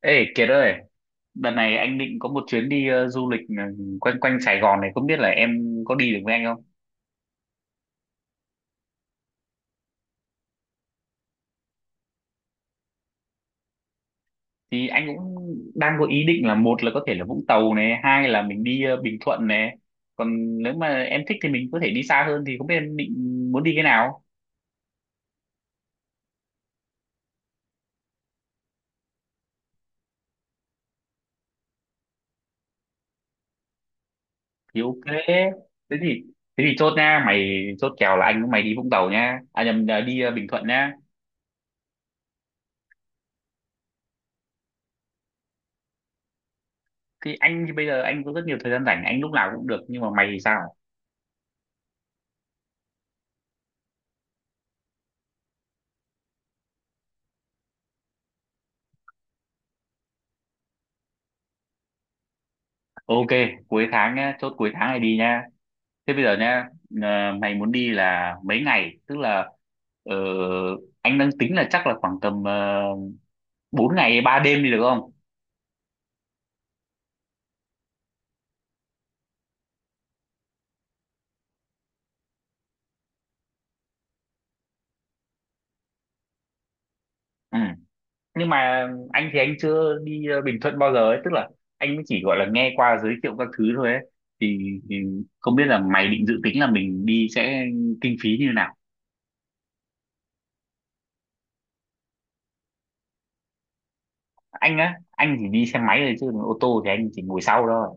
Ê Kiệt ơi, đợt này anh định có một chuyến đi du lịch, quanh quanh Sài Gòn này, không biết là em có đi được với anh không? Thì anh cũng đang có ý định là một là có thể là Vũng Tàu này, hai là mình đi Bình Thuận này. Còn nếu mà em thích thì mình có thể đi xa hơn thì không biết em định muốn đi cái nào? Thì ok. Thế thì thế thì chốt nha, mày chốt kèo là anh với mày đi Vũng Tàu nha. À nhầm là đi Bình Thuận nha. Thì bây giờ anh có rất nhiều thời gian rảnh, anh lúc nào cũng được nhưng mà mày thì sao? Ok, cuối tháng nhá, chốt cuối tháng này đi nha. Thế bây giờ nha, mày muốn đi là mấy ngày? Tức là, ờ, anh đang tính là chắc là khoảng tầm uh, 4 ngày 3 đêm đi được không? Ừ. Nhưng mà anh chưa đi Bình Thuận bao giờ ấy, tức là anh mới chỉ gọi là nghe qua giới thiệu các thứ thôi ấy. Thì, thì không biết là mày định dự tính là mình đi sẽ kinh phí như nào? Anh á, anh chỉ đi xe máy thôi chứ còn ô tô thì anh chỉ ngồi sau thôi.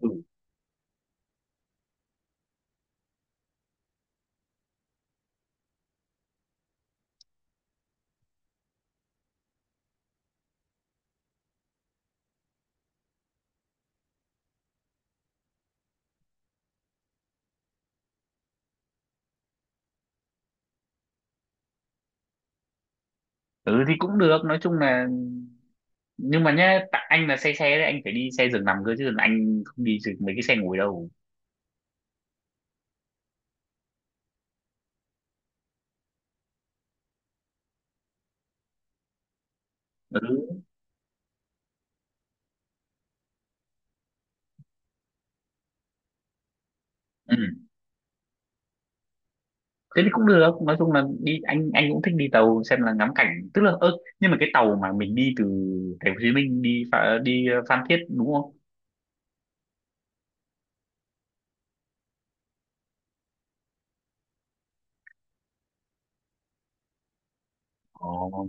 Ừ. Ừ thì cũng được, nói chung là nhưng mà nhá tại anh là xe xe đấy anh phải đi xe giường nằm cơ chứ anh không đi được mấy cái xe ngồi đâu. Ừ. Ừ. Thế thì cũng được, nói chung là đi anh cũng thích đi tàu xem là ngắm cảnh, tức là ơ, nhưng mà cái tàu mà mình đi từ thành phố Hồ Chí Minh đi Pha- đi ờ, Phan Thiết đúng không? Ồ.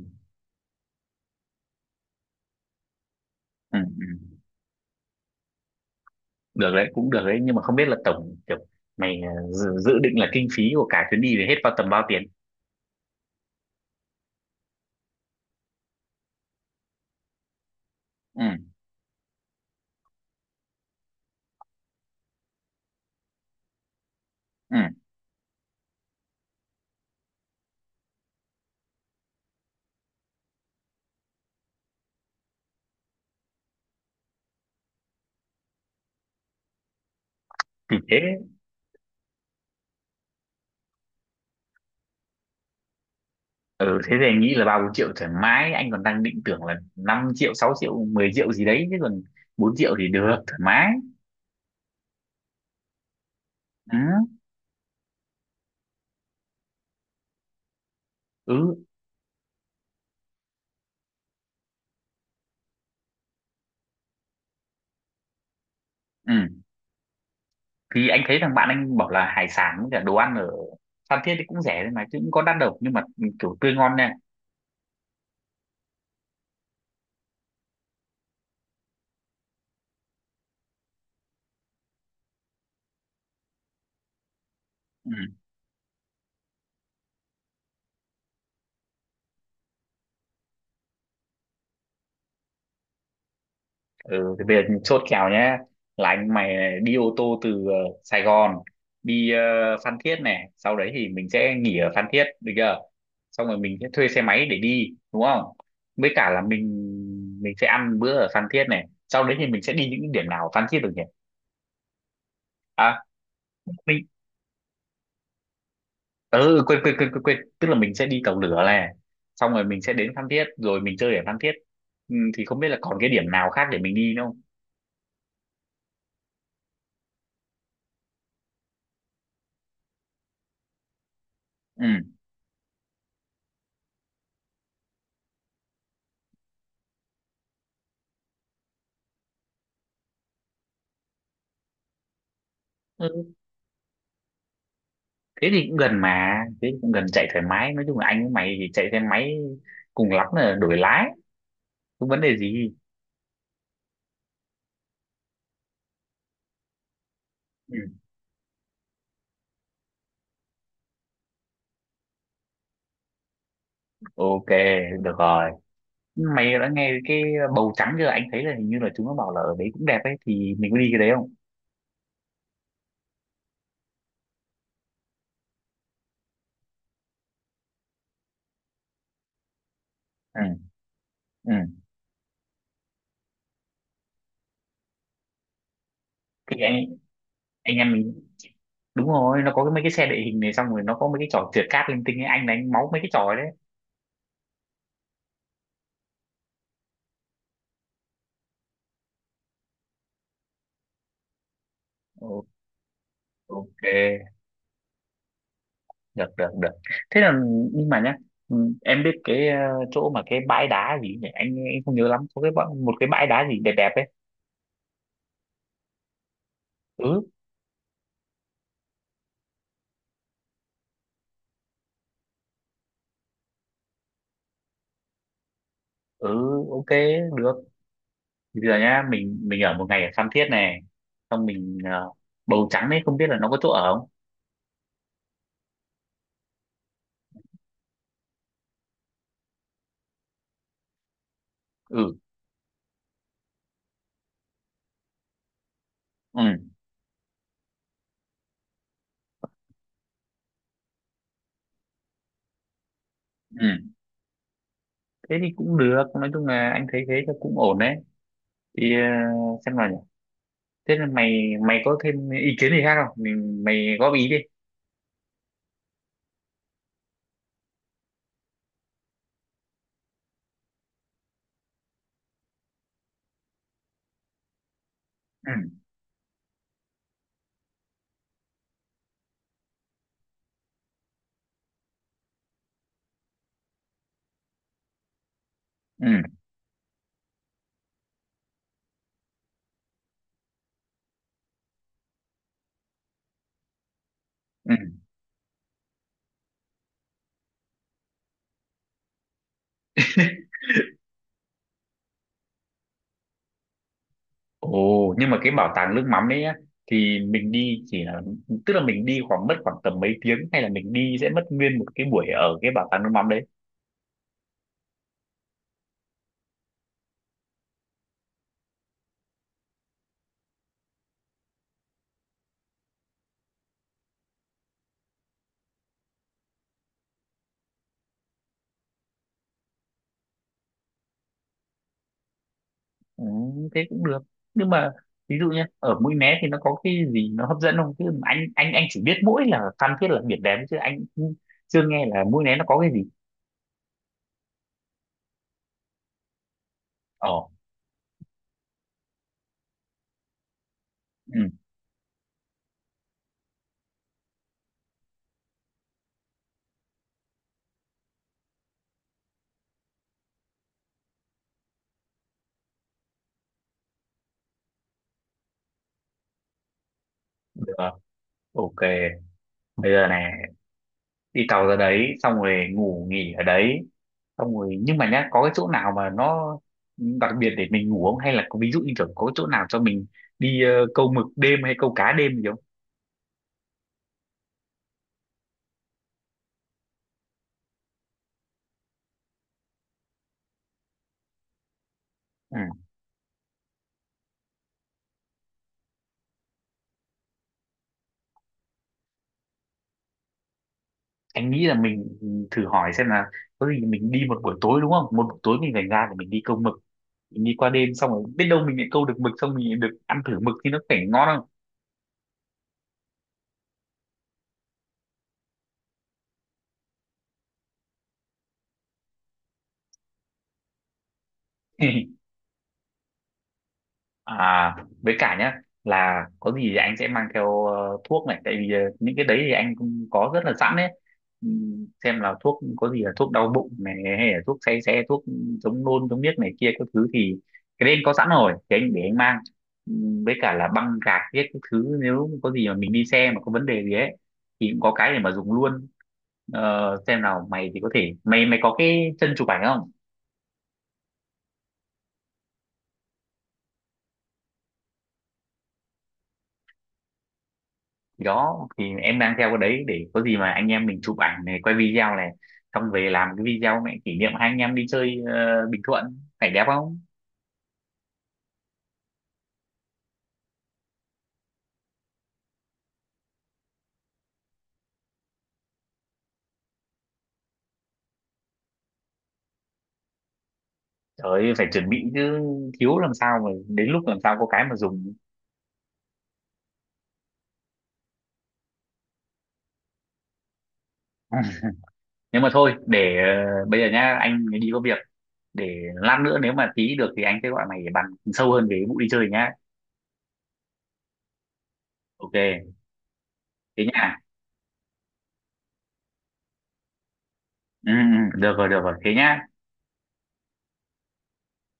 Ừ. Ừ. Được đấy, cũng được đấy, nhưng mà không biết là tổng kiểu mày, dự định là kinh phí của cả chuyến đi này hết vào tầm bao tiền. Ừ. Ừ. Thì thế. Ừ thế thì anh nghĩ là ba bốn triệu thoải mái, anh còn đang định tưởng là 5 triệu 6 triệu 10 triệu gì đấy chứ còn 4 triệu thì được thoải mái. Ừ. Ừ. Ừ. Thì anh thấy thằng bạn anh bảo là hải sản với cả đồ ăn ở Phan Thiết thì cũng rẻ đấy mà chứ cũng có đắt đâu, nhưng mà ừ, kiểu tươi ngon nha. Ừ. Ừ, thì bây giờ chốt kèo nhé là anh mày này, đi ô tô từ Sài Gòn đi Phan Thiết này, sau đấy thì mình sẽ nghỉ ở Phan Thiết được chưa, xong rồi mình sẽ thuê xe máy để đi đúng không, với cả là mình sẽ ăn bữa ở Phan Thiết này, sau đấy thì mình sẽ đi những điểm nào ở Phan Thiết được nhỉ? À mình ừ, quên, quên quên quên quên tức là mình sẽ đi tàu lửa này, xong rồi mình sẽ đến Phan Thiết rồi mình chơi ở Phan Thiết. Ừ, thì không biết là còn cái điểm nào khác để mình đi nữa không? Ừ thế thì cũng gần, mà thế thì cũng gần, chạy thoải mái, nói chung là anh với mày thì chạy xe máy cùng lắm là đổi lái, không vấn đề gì. Ừ. Ok, được rồi. Mày đã nghe cái bầu trắng chưa, anh thấy là hình như là chúng nó bảo là ở đấy cũng đẹp ấy, thì mình có đi cái đấy không? Ừ. Ừ. Thì anh em mình đúng rồi, nó có cái mấy cái xe địa hình này, xong rồi nó có mấy cái trò trượt cáp linh tinh ấy, anh đánh máu mấy cái trò ấy đấy. Ồ, ok, được được được. Thế là nhưng mà nhá, ừ, em biết cái chỗ mà cái bãi đá gì nhỉ, anh không nhớ lắm, có một cái bãi đá gì đẹp đẹp ấy. Ừ. Ừ. Ok, được. Thì bây giờ nhá, mình ở một ngày ở Phan Thiết này, xong mình bầu trắng ấy không biết là nó có chỗ ở không? Ừ. Ừ. Ừ thế thì cũng được, nói chung là anh thấy thế là cũng ổn đấy, thì xem nào nhỉ, thế là mày mày có thêm ý kiến gì khác không, mình mày góp ý đi. Ừ. Ừ. Ừ. Ồ, nhưng mà cái bảo tàng nước mắm đấy á, thì mình đi chỉ là, tức là mình đi khoảng mất khoảng tầm mấy tiếng hay là mình đi sẽ mất nguyên một cái buổi ở cái bảo tàng nước mắm đấy. Ừ, thế cũng được. Nhưng mà ví dụ nhá, ở Mũi Né thì nó có cái gì nó hấp dẫn không? Chứ anh chỉ biết mỗi là Phan Thiết là biển đẹp chứ anh cũng chưa nghe là Mũi Né nó có cái gì. Ồ, ừ, được. Ok. Bây giờ này, đi tàu ra đấy xong rồi ngủ nghỉ ở đấy, xong rồi nhưng mà nhá có cái chỗ nào mà nó đặc biệt để mình ngủ không, hay là có ví dụ như kiểu có chỗ nào cho mình đi câu mực đêm hay câu cá đêm gì không? Ừ. Anh nghĩ là mình thử hỏi xem là có gì mình đi một buổi tối đúng không, một buổi tối mình phải ra để mình đi câu mực, mình đi qua đêm xong rồi biết đâu mình lại câu được mực xong mình được ăn thử mực thì nó phải ngon không? À, với cả nhá là có gì thì anh sẽ mang theo thuốc này, tại vì những cái đấy thì anh cũng có rất là sẵn đấy. Xem là thuốc có gì là thuốc đau bụng này hay là thuốc say xe, thuốc chống nôn chống điếc này kia các thứ thì cái đấy anh có sẵn rồi thì anh để anh mang. Với cả là băng gạc viết các thứ nếu có gì mà mình đi xe mà có vấn đề gì ấy thì cũng có cái để mà dùng luôn. Ờ, xem nào mày thì có thể mày mày có cái chân chụp ảnh không? Đó thì em đang theo cái đấy để có gì mà anh em mình chụp ảnh này, quay video này, xong về làm cái video này kỷ niệm hai anh em đi chơi Bình Thuận phải đẹp không? Trời ơi, phải chuẩn bị chứ, thiếu làm sao mà đến lúc làm sao có cái mà dùng. Nhưng mà thôi để bây giờ nhá anh đi có việc, để lát nữa nếu mà tí được thì anh sẽ gọi mày để bàn sâu hơn về cái vụ đi chơi nhá. Ok, thế nhá. Ừ, ừ, được rồi được rồi, thế nhá.